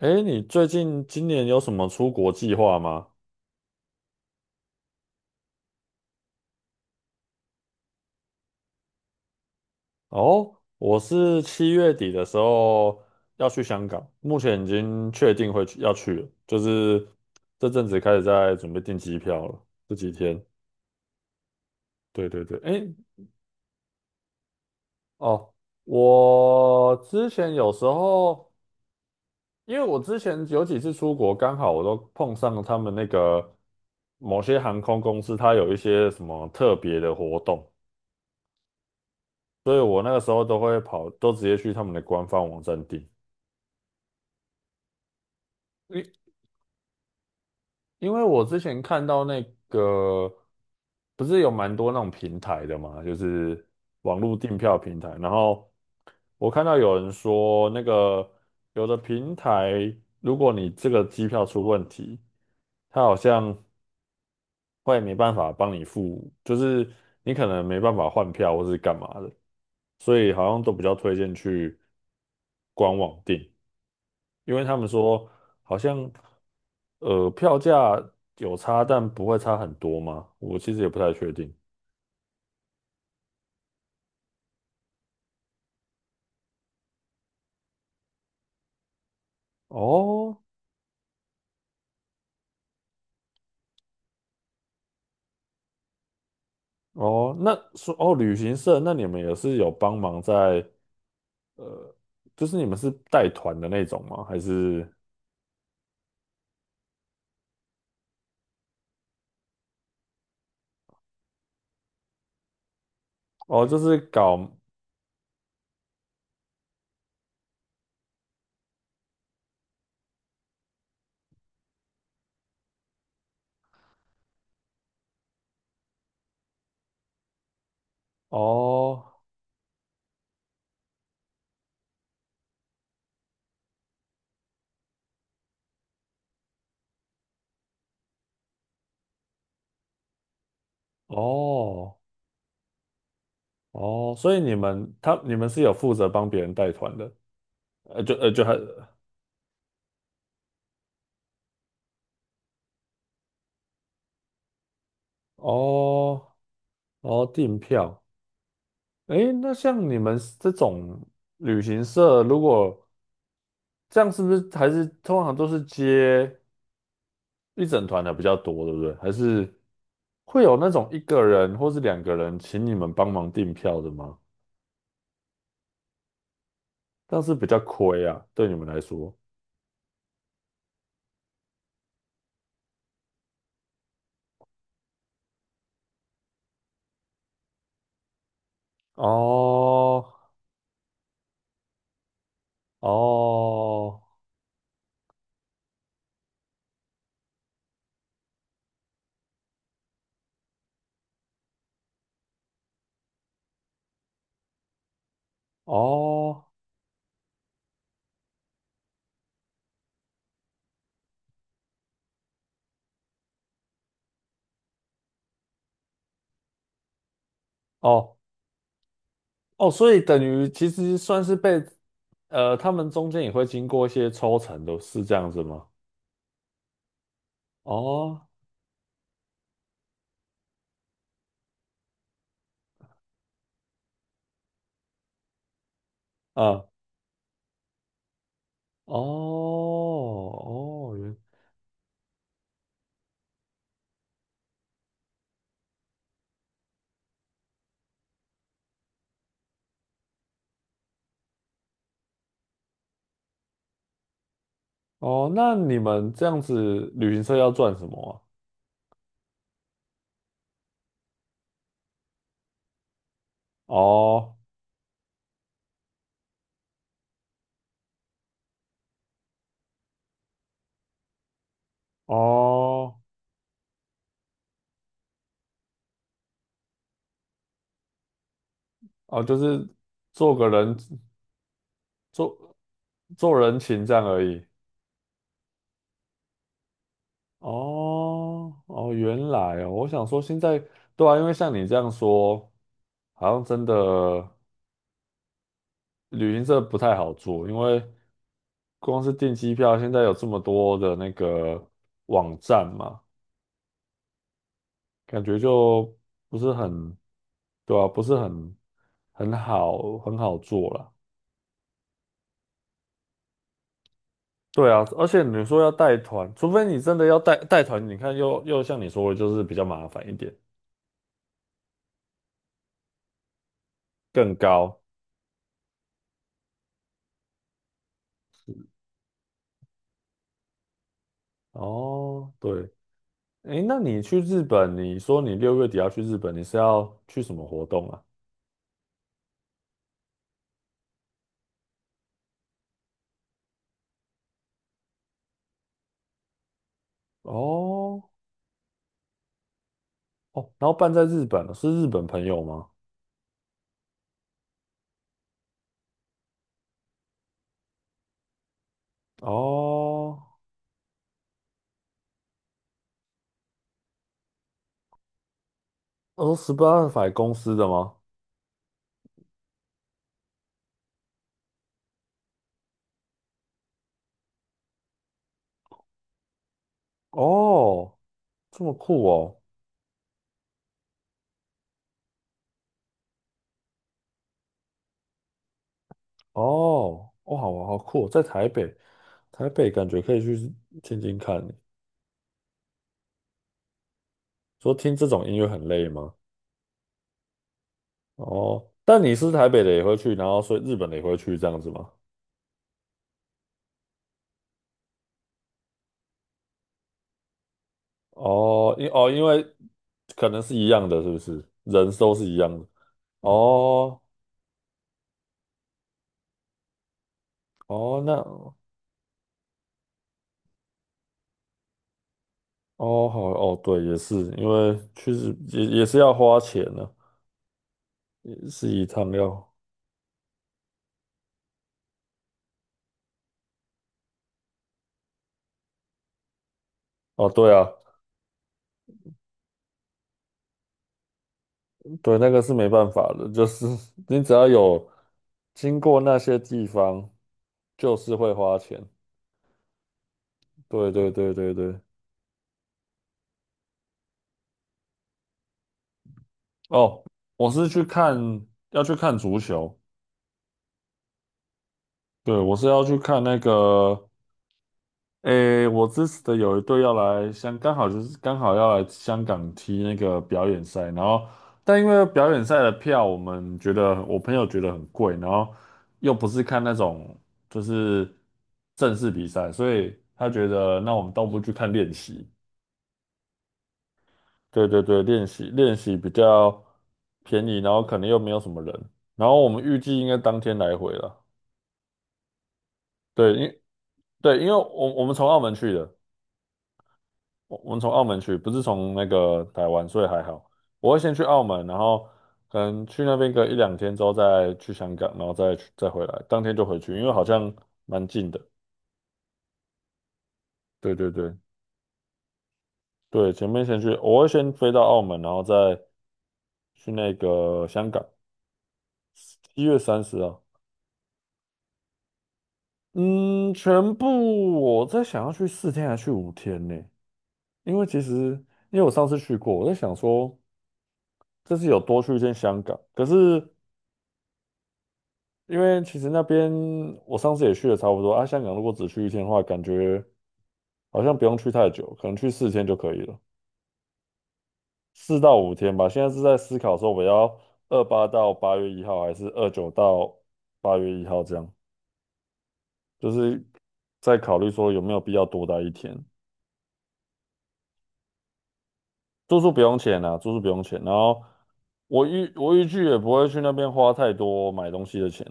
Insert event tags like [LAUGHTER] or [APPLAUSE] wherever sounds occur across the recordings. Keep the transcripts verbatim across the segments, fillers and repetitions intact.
哎，你最近今年有什么出国计划吗？哦，我是七月底的时候要去香港，目前已经确定会去要去了，就是这阵子开始在准备订机票了，这几天。对对对，哎，哦，我之前有时候，因为我之前有几次出国，刚好我都碰上他们那个某些航空公司，它有一些什么特别的活动。所以我那个时候都会跑，都直接去他们的官方网站订。因因为我之前看到那个，不是有蛮多那种平台的嘛，就是网络订票平台。然后我看到有人说，那个有的平台，如果你这个机票出问题，它好像会没办法帮你付，就是你可能没办法换票或是干嘛的，所以好像都比较推荐去官网订。因为他们说好像呃票价有差，但不会差很多吗？我其实也不太确定。哦哦，那说哦旅行社，那你们也是有帮忙在，就是你们是带团的那种吗？还是哦就是搞哦哦哦，所以你们他你们是有负责帮别人带团的，呃就呃就还哦哦订票。诶，那像你们这种旅行社，如果这样是不是还是通常都是接一整团的比较多，对不对？还是会有那种一个人或是两个人请你们帮忙订票的吗？这样是比较亏啊，对你们来说。哦哦哦哦哦，所以等于其实算是被呃，他们中间也会经过一些抽成的，是这样子吗？哦，啊，哦哦，原哦，那你们这样子旅行社要赚什么啊？哦哦哦，就是做个人做做人情这样而已。哦哦，原来哦，我想说现在对啊，因为像你这样说，好像真的旅行社不太好做，因为光是订机票，现在有这么多的那个网站嘛，感觉就不是很对啊，不是很很好很好做了。对啊，而且你说要带团，除非你真的要带带团，你看又又像你说的，就是比较麻烦一点，更高。哦，对，诶，那你去日本，你说你六月底要去日本，你是要去什么活动啊？哦哦，然后办在日本，是日本朋友吗？哦，哦，十八法公司的吗？哦，这么酷哦，哦，哦，好好酷哦在台北，台北感觉可以去听听看。说听这种音乐很累吗？哦，但你是台北的也会去，然后所以日本的也会去这样子吗？哦，因哦，因为可能是一样的，是不是？人都是一样的。哦哦，那哦好哦，对，也是，因为去实也也是要花钱呢、也是一趟要。哦，对啊，对，那个是没办法的，就是 [LAUGHS] 你只要有经过那些地方，就是会花钱。对对对对对。哦，我是去看，要去看足球。对，我是要去看那个，诶，我支持的有一队要来香，刚好就是刚好要来香港踢那个表演赛，然后但因为表演赛的票，我们觉得我朋友觉得很贵，然后又不是看那种就是正式比赛，所以他觉得那我们倒不如去看练习。对对对，练习练习比较便宜，然后可能又没有什么人，然后我们预计应该当天来回了。对，因对，因为我我们从澳门去的。我我们从澳门去，不是从那个台湾，所以还好。我会先去澳门，然后可能去那边个一两天之后再去香港，然后再去再回来，当天就回去，因为好像蛮近的。对对对对，前面先去，我会先飞到澳门，然后再去那个香港，一月三十啊。嗯，全部我在想要去四天还是去五天呢？因为其实因为我上次去过，我在想说这次有多去一天香港，可是。因为其实那边我上次也去了差不多啊，香港如果只去一天的话，感觉好像不用去太久，可能去四天就可以了，四到五天吧。现在是在思考说我要二八到八月一号，还是二九到八月一号这样，就是在考虑说有没有必要多待一天。住宿不用钱啊，住宿不用钱。然后我预我预计也不会去那边花太多买东西的钱，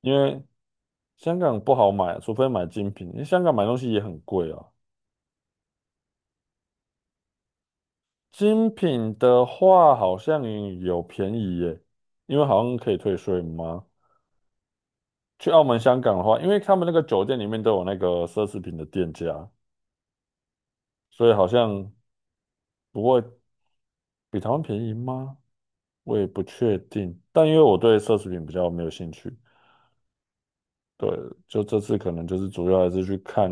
因为香港不好买啊，除非买精品，因为香港买东西也很贵啊。精品的话好像有便宜耶，因为好像可以退税吗？去澳门、香港的话，因为他们那个酒店里面都有那个奢侈品的店家，所以好像不会比台湾便宜吗？我也不确定。但因为我对奢侈品比较没有兴趣，对，就这次可能就是主要还是去看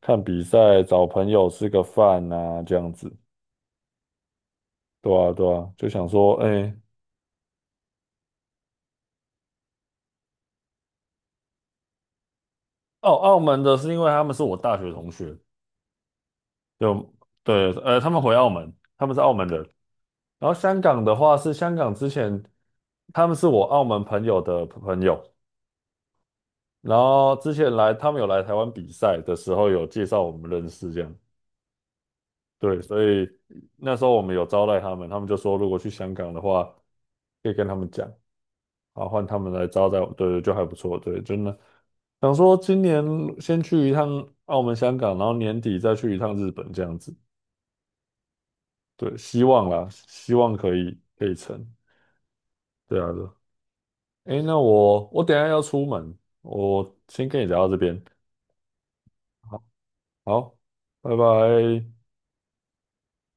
看比赛，找朋友吃个饭呐，这样子。对啊，对啊，就想说，哎、澳澳门的是因为他们是我大学同学。就对，呃，他们回澳门，他们是澳门人。然后香港的话是香港之前，他们是我澳门朋友的朋友，然后之前来他们有来台湾比赛的时候有介绍我们认识这样。对，所以那时候我们有招待他们，他们就说如果去香港的话，可以跟他们讲，啊，换他们来招待我们对对，就还不错。对，真的想说今年先去一趟澳门、香港，然后年底再去一趟日本这样子。对，希望啦，希望可以可以成。对啊，对啊。诶，那我我等一下要出门，我先跟你聊到这边。好，好，拜拜。